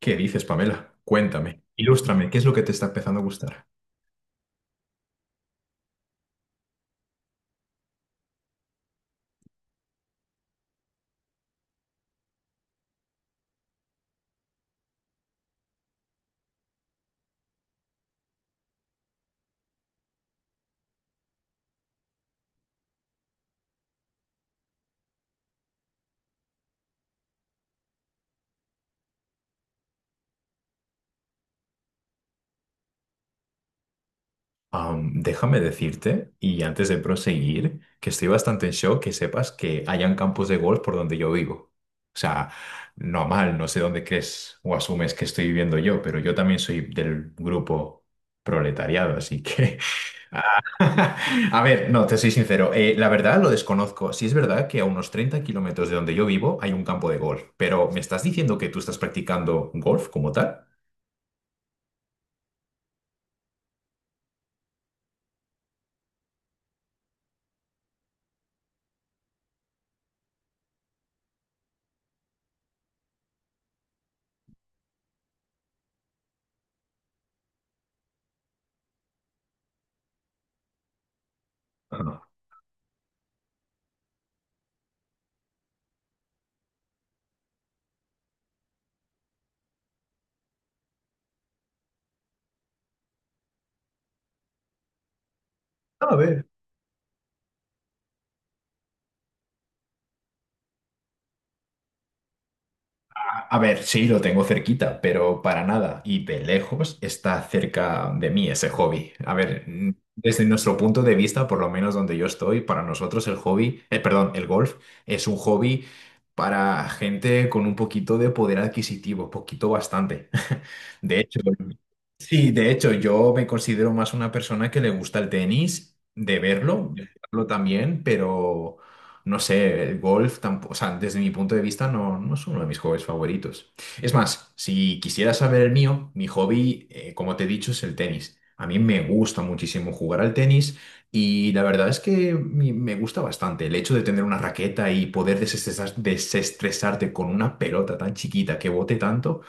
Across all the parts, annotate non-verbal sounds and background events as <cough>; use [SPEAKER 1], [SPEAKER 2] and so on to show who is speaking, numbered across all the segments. [SPEAKER 1] ¿Qué dices, Pamela? Cuéntame, ilústrame, ¿qué es lo que te está empezando a gustar? Déjame decirte, y antes de proseguir, que estoy bastante en shock que sepas que hayan campos de golf por donde yo vivo. O sea, normal, no sé dónde crees o asumes que estoy viviendo yo, pero yo también soy del grupo proletariado, así que. <laughs> Ah, <laughs> A ver, no, te soy sincero, la verdad lo desconozco. Sí es verdad que a unos 30 kilómetros de donde yo vivo hay un campo de golf, pero ¿me estás diciendo que tú estás practicando golf como tal? Ah. A ver. A ver, sí, lo tengo cerquita, pero para nada. Y de lejos está cerca de mí ese hobby. A ver, desde nuestro punto de vista, por lo menos donde yo estoy, para nosotros el hobby, perdón, el golf es un hobby para gente con un poquito de poder adquisitivo, poquito bastante. <laughs> De hecho, sí, de hecho, yo me considero más una persona que le gusta el tenis, de verlo, de jugarlo también, pero. No sé, el golf tampoco, o sea, desde mi punto de vista no es uno de mis hobbies favoritos. Es más, si quisieras saber el mío, mi hobby, como te he dicho, es el tenis. A mí me gusta muchísimo jugar al tenis y la verdad es que me gusta bastante el hecho de tener una raqueta y poder desestresarte con una pelota tan chiquita que bote tanto.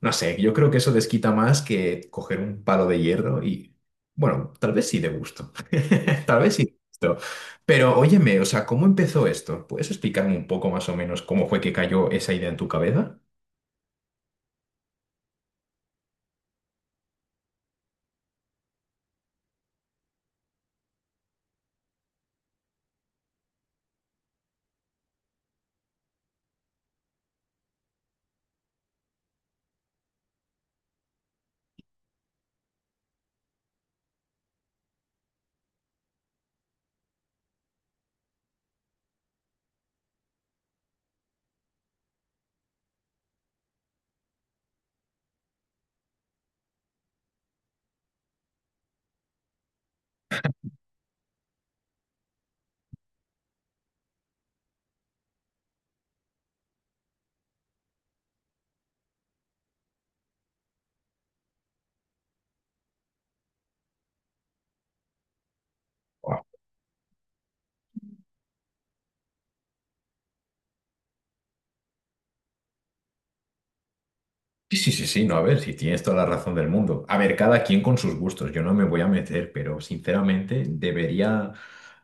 [SPEAKER 1] No sé, yo creo que eso desquita más que coger un palo de hierro y, bueno, tal vez sí de gusto. <laughs> Tal vez sí de gusto. Pero óyeme, o sea, ¿cómo empezó esto? ¿Puedes explicarme un poco más o menos cómo fue que cayó esa idea en tu cabeza? Sí, sí, sí, sí, no, a ver, si tienes toda la razón del mundo. A ver, cada quien con sus gustos, yo no me voy a meter, pero sinceramente debería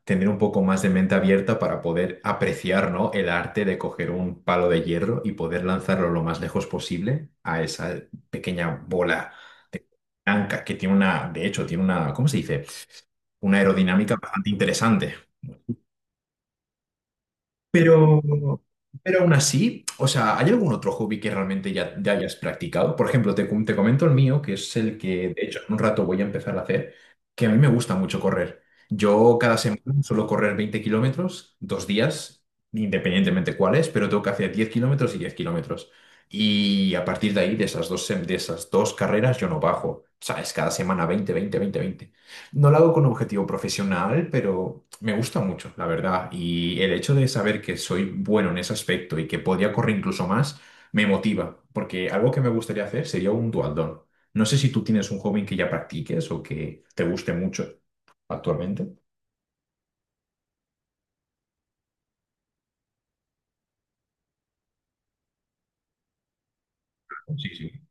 [SPEAKER 1] tener un poco más de mente abierta para poder apreciar, ¿no? El arte de coger un palo de hierro y poder lanzarlo lo más lejos posible a esa pequeña bola de blanca que tiene una, de hecho, tiene una, ¿cómo se dice? Una aerodinámica bastante interesante. Pero, pero aún así, o sea, ¿hay algún otro hobby que realmente ya hayas practicado? Por ejemplo, te comento el mío, que es el que de hecho en un rato voy a empezar a hacer, que a mí me gusta mucho correr. Yo cada semana suelo correr 20 kilómetros, dos días, independientemente cuáles, pero tengo que hacer 10 kilómetros y 10 kilómetros. Y a partir de ahí, de esas dos carreras, yo no bajo. ¿Sabes? Cada semana 20 20 20 20 no lo hago con objetivo profesional, pero me gusta mucho, la verdad. Y el hecho de saber que soy bueno en ese aspecto y que podría correr incluso más, me motiva, porque algo que me gustaría hacer sería un dualdón. No sé si tú tienes un hobby que ya practiques o que te guste mucho actualmente. Sí, sí.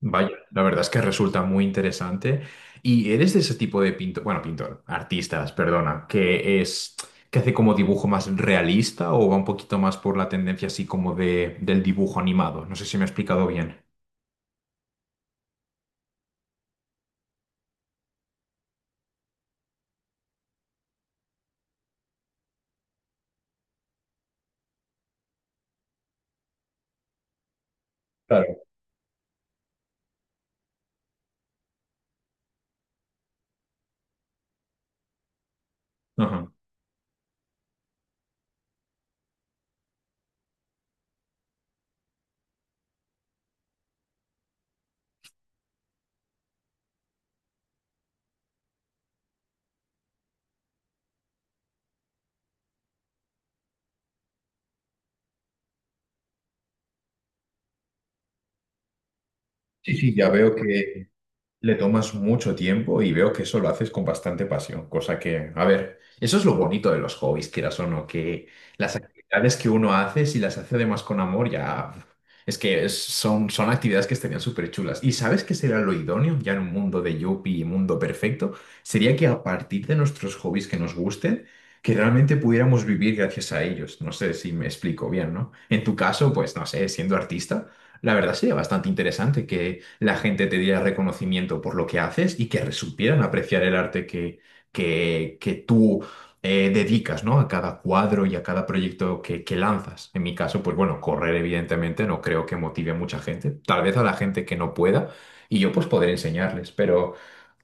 [SPEAKER 1] Vaya, la verdad es que resulta muy interesante. ¿Y eres de ese tipo de pintor, bueno, pintor, artistas, perdona, que hace como dibujo más realista o va un poquito más por la tendencia así como de del dibujo animado? No sé si me he explicado bien. Claro. Ajá. Sí, sí, ya veo que le tomas mucho tiempo y veo que eso lo haces con bastante pasión, cosa que, a ver, eso es lo bonito de los hobbies, quieras o no, que las actividades que uno hace, si las hace además con amor, ya es que son actividades que estarían súper chulas. ¿Y sabes qué sería lo idóneo ya en un mundo de yuppie y mundo perfecto? Sería que a partir de nuestros hobbies que nos gusten, que realmente pudiéramos vivir gracias a ellos. No sé si me explico bien, ¿no? En tu caso, pues no sé, siendo artista. La verdad sería bastante interesante que la gente te diera reconocimiento por lo que haces y que supieran apreciar el arte que tú dedicas, ¿no? A cada cuadro y a cada proyecto que lanzas. En mi caso, pues bueno, correr evidentemente no creo que motive a mucha gente, tal vez a la gente que no pueda y yo pues poder enseñarles, pero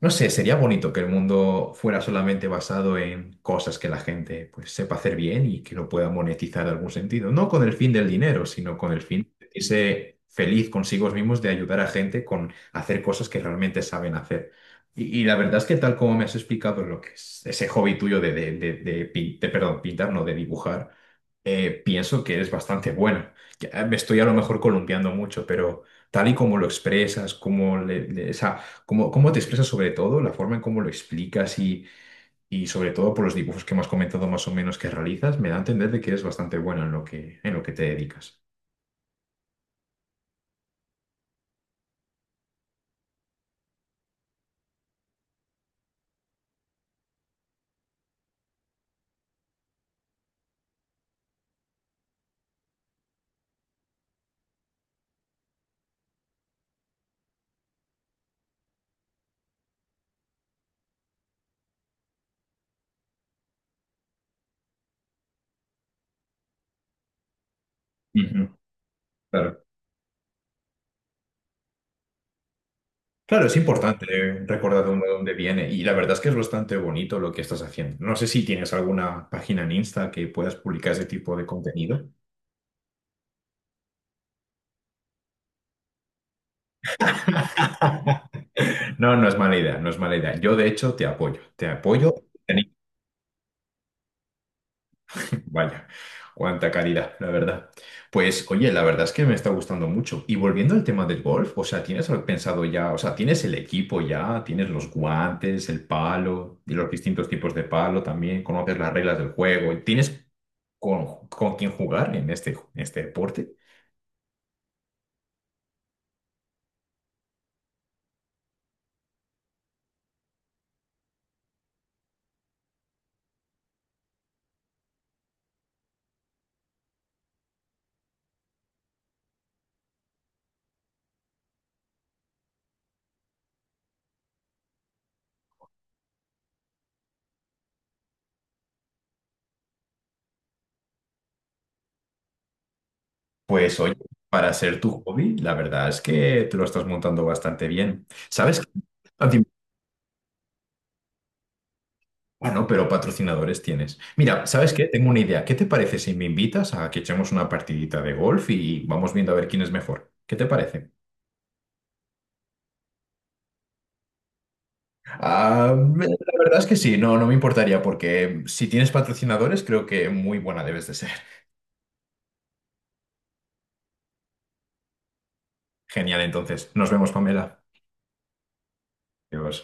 [SPEAKER 1] no sé, sería bonito que el mundo fuera solamente basado en cosas que la gente pues sepa hacer bien y que lo pueda monetizar en algún sentido, no con el fin del dinero, sino con el fin sentirse feliz consigo mismos de ayudar a gente con hacer cosas que realmente saben hacer. Y la verdad es que tal como me has explicado lo que es ese hobby tuyo de perdón, pintar, no, de dibujar, pienso que eres bastante buena. Ya me estoy a lo mejor columpiando mucho, pero tal y como lo expresas, como o sea, cómo te expresas sobre todo, la forma en cómo lo explicas y sobre todo por los dibujos que me has comentado más o menos que realizas, me da a entender de que eres bastante buena en lo que te dedicas. Ujú, claro. Claro, es importante recordar de dónde viene y la verdad es que es bastante bonito lo que estás haciendo. No sé si tienes alguna página en Insta que puedas publicar ese tipo de contenido. No, no es mala idea, no es mala idea. Yo de hecho te apoyo, te apoyo. Vaya, cuánta calidad, la verdad. Pues oye, la verdad es que me está gustando mucho. Y volviendo al tema del golf, o sea, ¿tienes algo pensado ya? O sea, ¿tienes el equipo ya? ¿Tienes los guantes, el palo y los distintos tipos de palo también? ¿Conoces las reglas del juego? ¿Tienes con quién jugar en este deporte? Pues oye, para ser tu hobby, la verdad es que te lo estás montando bastante bien. ¿Sabes qué? Ah, dime. Ah, no, pero patrocinadores tienes. Mira, ¿sabes qué? Tengo una idea. ¿Qué te parece si me invitas a que echemos una partidita de golf y vamos viendo a ver quién es mejor? ¿Qué te parece? Ah, la verdad es que sí, no me importaría porque si tienes patrocinadores creo que muy buena debes de ser. Genial, entonces. Nos vemos, Pamela. Adiós.